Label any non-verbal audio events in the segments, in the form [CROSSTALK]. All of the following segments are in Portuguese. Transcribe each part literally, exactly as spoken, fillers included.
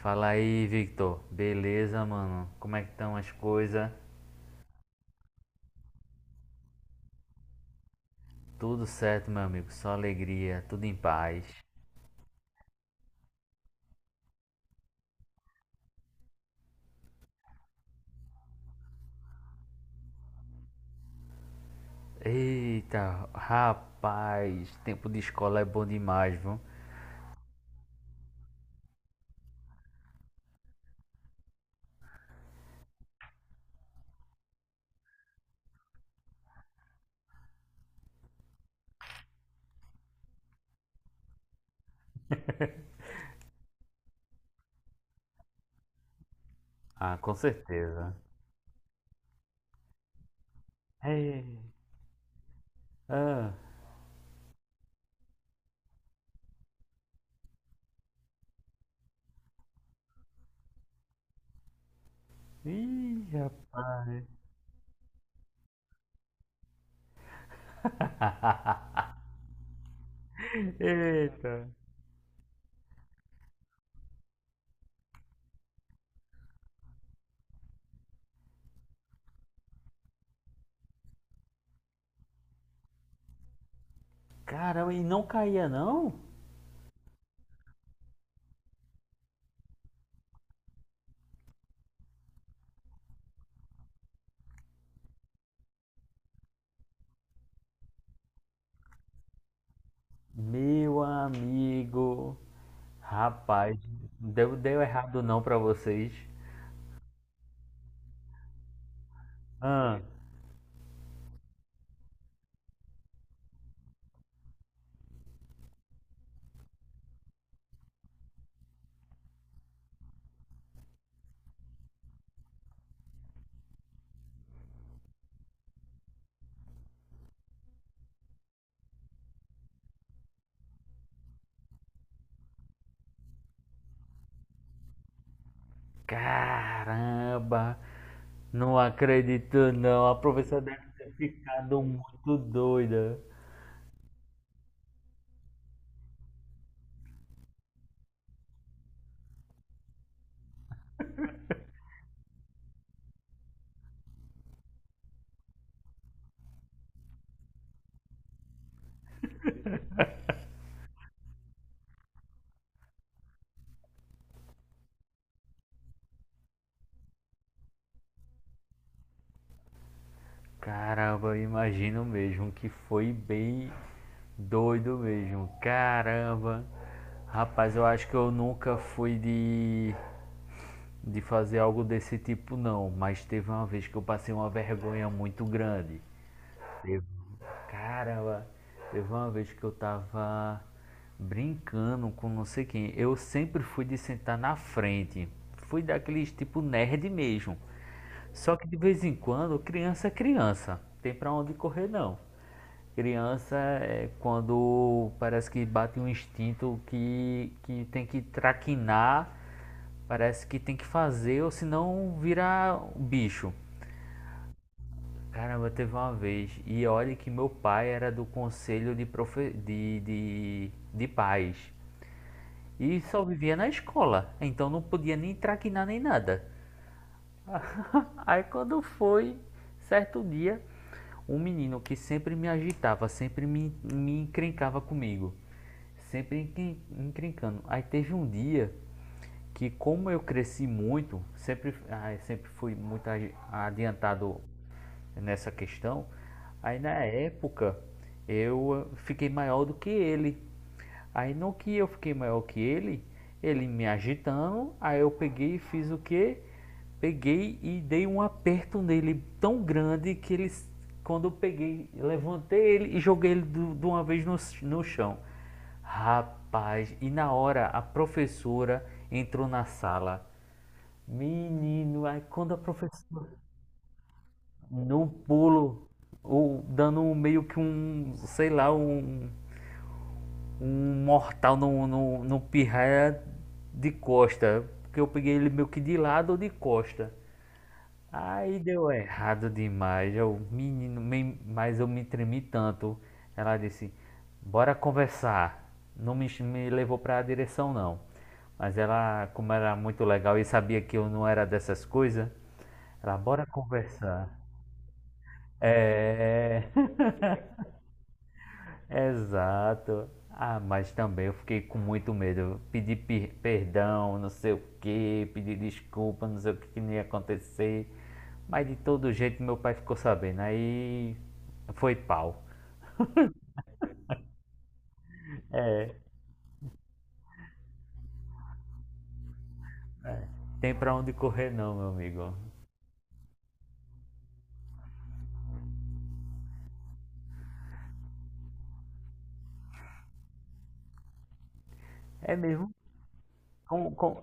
Fala aí, Victor. Beleza, mano? Como é que estão as coisas? Tudo certo, meu amigo. Só alegria, tudo em paz. Eita, rapaz, tempo de escola é bom demais, viu? Ah, com certeza. Ei, ah, ih, rapaz. [LAUGHS] Eita. Caramba, e não caía, não? Meu amigo. Rapaz, deu, deu errado não pra vocês? Ah, caramba! Não acredito não, a professora deve ter ficado muito doida. Caramba, imagino mesmo que foi bem doido mesmo. Caramba. Rapaz, eu acho que eu nunca fui de de fazer algo desse tipo não, mas teve uma vez que eu passei uma vergonha muito grande. Caramba, teve uma vez que eu tava brincando com não sei quem. Eu sempre fui de sentar na frente. Fui daqueles tipo nerd mesmo. Só que de vez em quando, criança é criança. Tem pra onde correr não. Criança é quando parece que bate um instinto que, que tem que traquinar, parece que tem que fazer, ou senão vira um bicho. Caramba, teve uma vez. E olha que meu pai era do conselho de, profe... de, de, de pais. E só vivia na escola. Então não podia nem traquinar nem nada. Aí quando foi, certo dia, um menino que sempre me agitava, sempre me, me encrencava comigo. Sempre encren- encrencando. Aí teve um dia que, como eu cresci muito, sempre, ah, sempre fui muito agi- adiantado nessa questão. Aí na época eu ah, fiquei maior do que ele. Aí no que eu fiquei maior que ele, ele me agitando, aí eu peguei e fiz o quê? Peguei e dei um aperto nele tão grande que ele, quando eu peguei, levantei ele e joguei ele de uma vez no, no chão. Rapaz, e na hora a professora entrou na sala. Menino, aí quando a professora no pulo, ou dando um- meio que um, sei lá, um, um mortal no, no, no pirraia de costa. Porque eu peguei ele meio que de lado ou de costa. Aí deu errado demais. Eu, menino, me- mas eu me tremi tanto. Ela disse: Bora conversar. Não me, ch- Me levou para a direção, não. Mas ela, como era muito legal e sabia que eu não era dessas coisas, ela, bora conversar. É. é, é. Exato. Ah, mas também eu fiquei com muito medo. Pedir per- perdão, não sei o que, pedir desculpa, não sei o que que não ia acontecer. Mas de todo jeito meu pai ficou sabendo. Aí foi pau. Tem pra onde correr não, meu amigo. É mesmo? Com, com...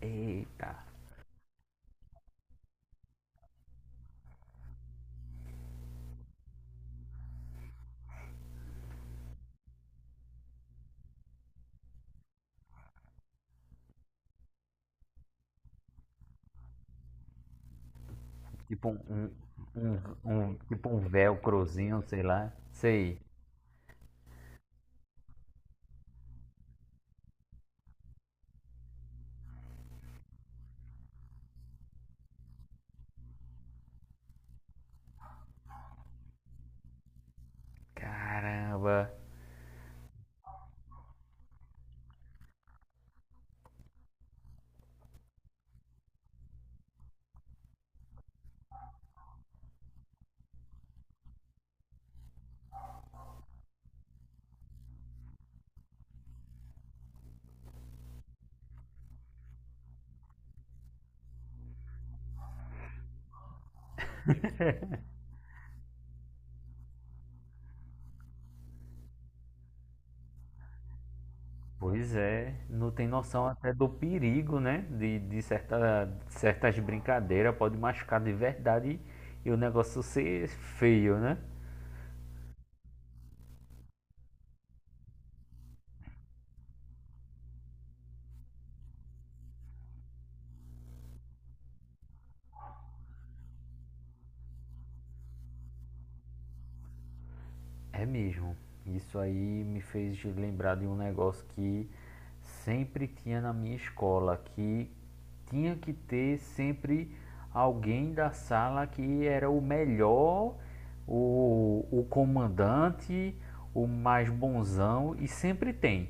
Eita. Tipo um, um, um, um- tipo um velcrozinho, sei lá. Sei. Caramba. Pois é, não tem noção até do perigo, né? De, de certa, certas brincadeiras, pode machucar de verdade e o negócio ser feio, né? É mesmo. Isso aí me fez lembrar de um negócio que sempre tinha na minha escola, que tinha que ter sempre alguém da sala que era o melhor, o, o comandante, o mais bonzão, e sempre tem.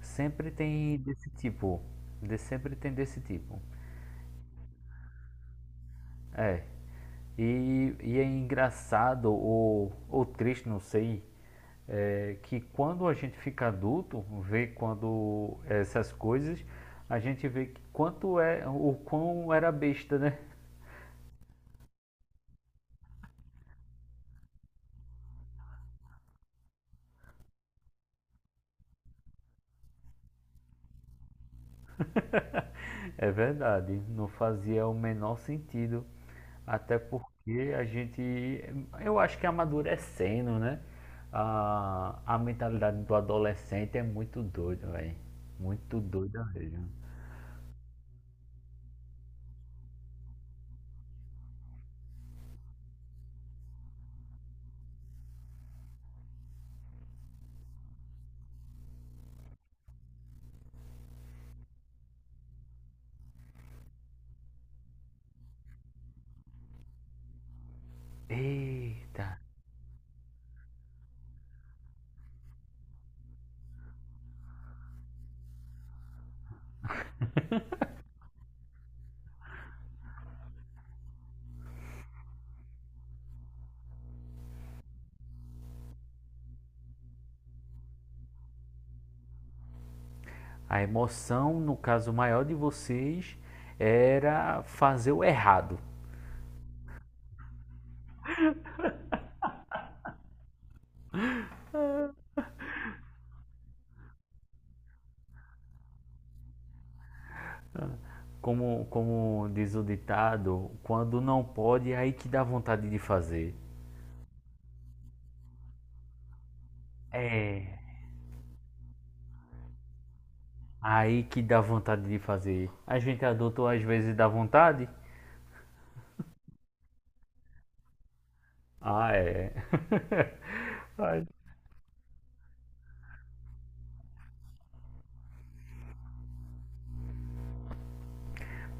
Sempre tem desse tipo. De, sempre tem desse tipo. É. E, e é engraçado ou, ou triste, não sei, é, que quando a gente fica adulto, vê quando essas coisas, a gente vê que quanto é, o quão era besta, né? É verdade, não fazia o menor sentido, até porque a gente, eu acho que amadurecendo, né? A, a mentalidade do adolescente é muito doida, velho. Muito doida mesmo. Eita! A emoção, no caso maior de vocês, era fazer o errado. Como, como diz o ditado, quando não pode, é aí que dá vontade de fazer. É, aí que dá vontade de fazer. A gente adulto às vezes dá vontade. Ah, é. [LAUGHS] Ai,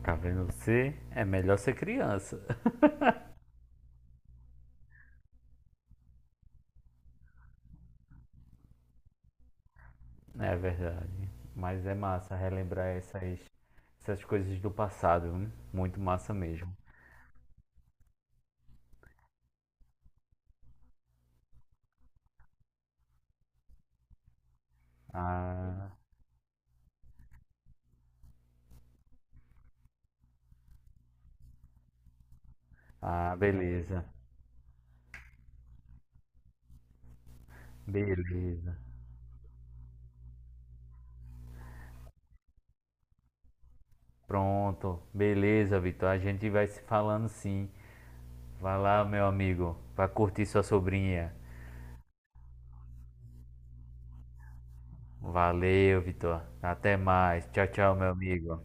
tá vendo você? É melhor ser criança. É verdade. Mas é massa relembrar essas, essas coisas do passado. Viu? Muito massa mesmo. Ah, ah, beleza. Beleza. Pronto. Beleza, Vitor. A gente vai se falando sim. Vai lá, meu amigo. Vai curtir sua sobrinha. Valeu, Vitor. Até mais. Tchau, tchau, meu amigo.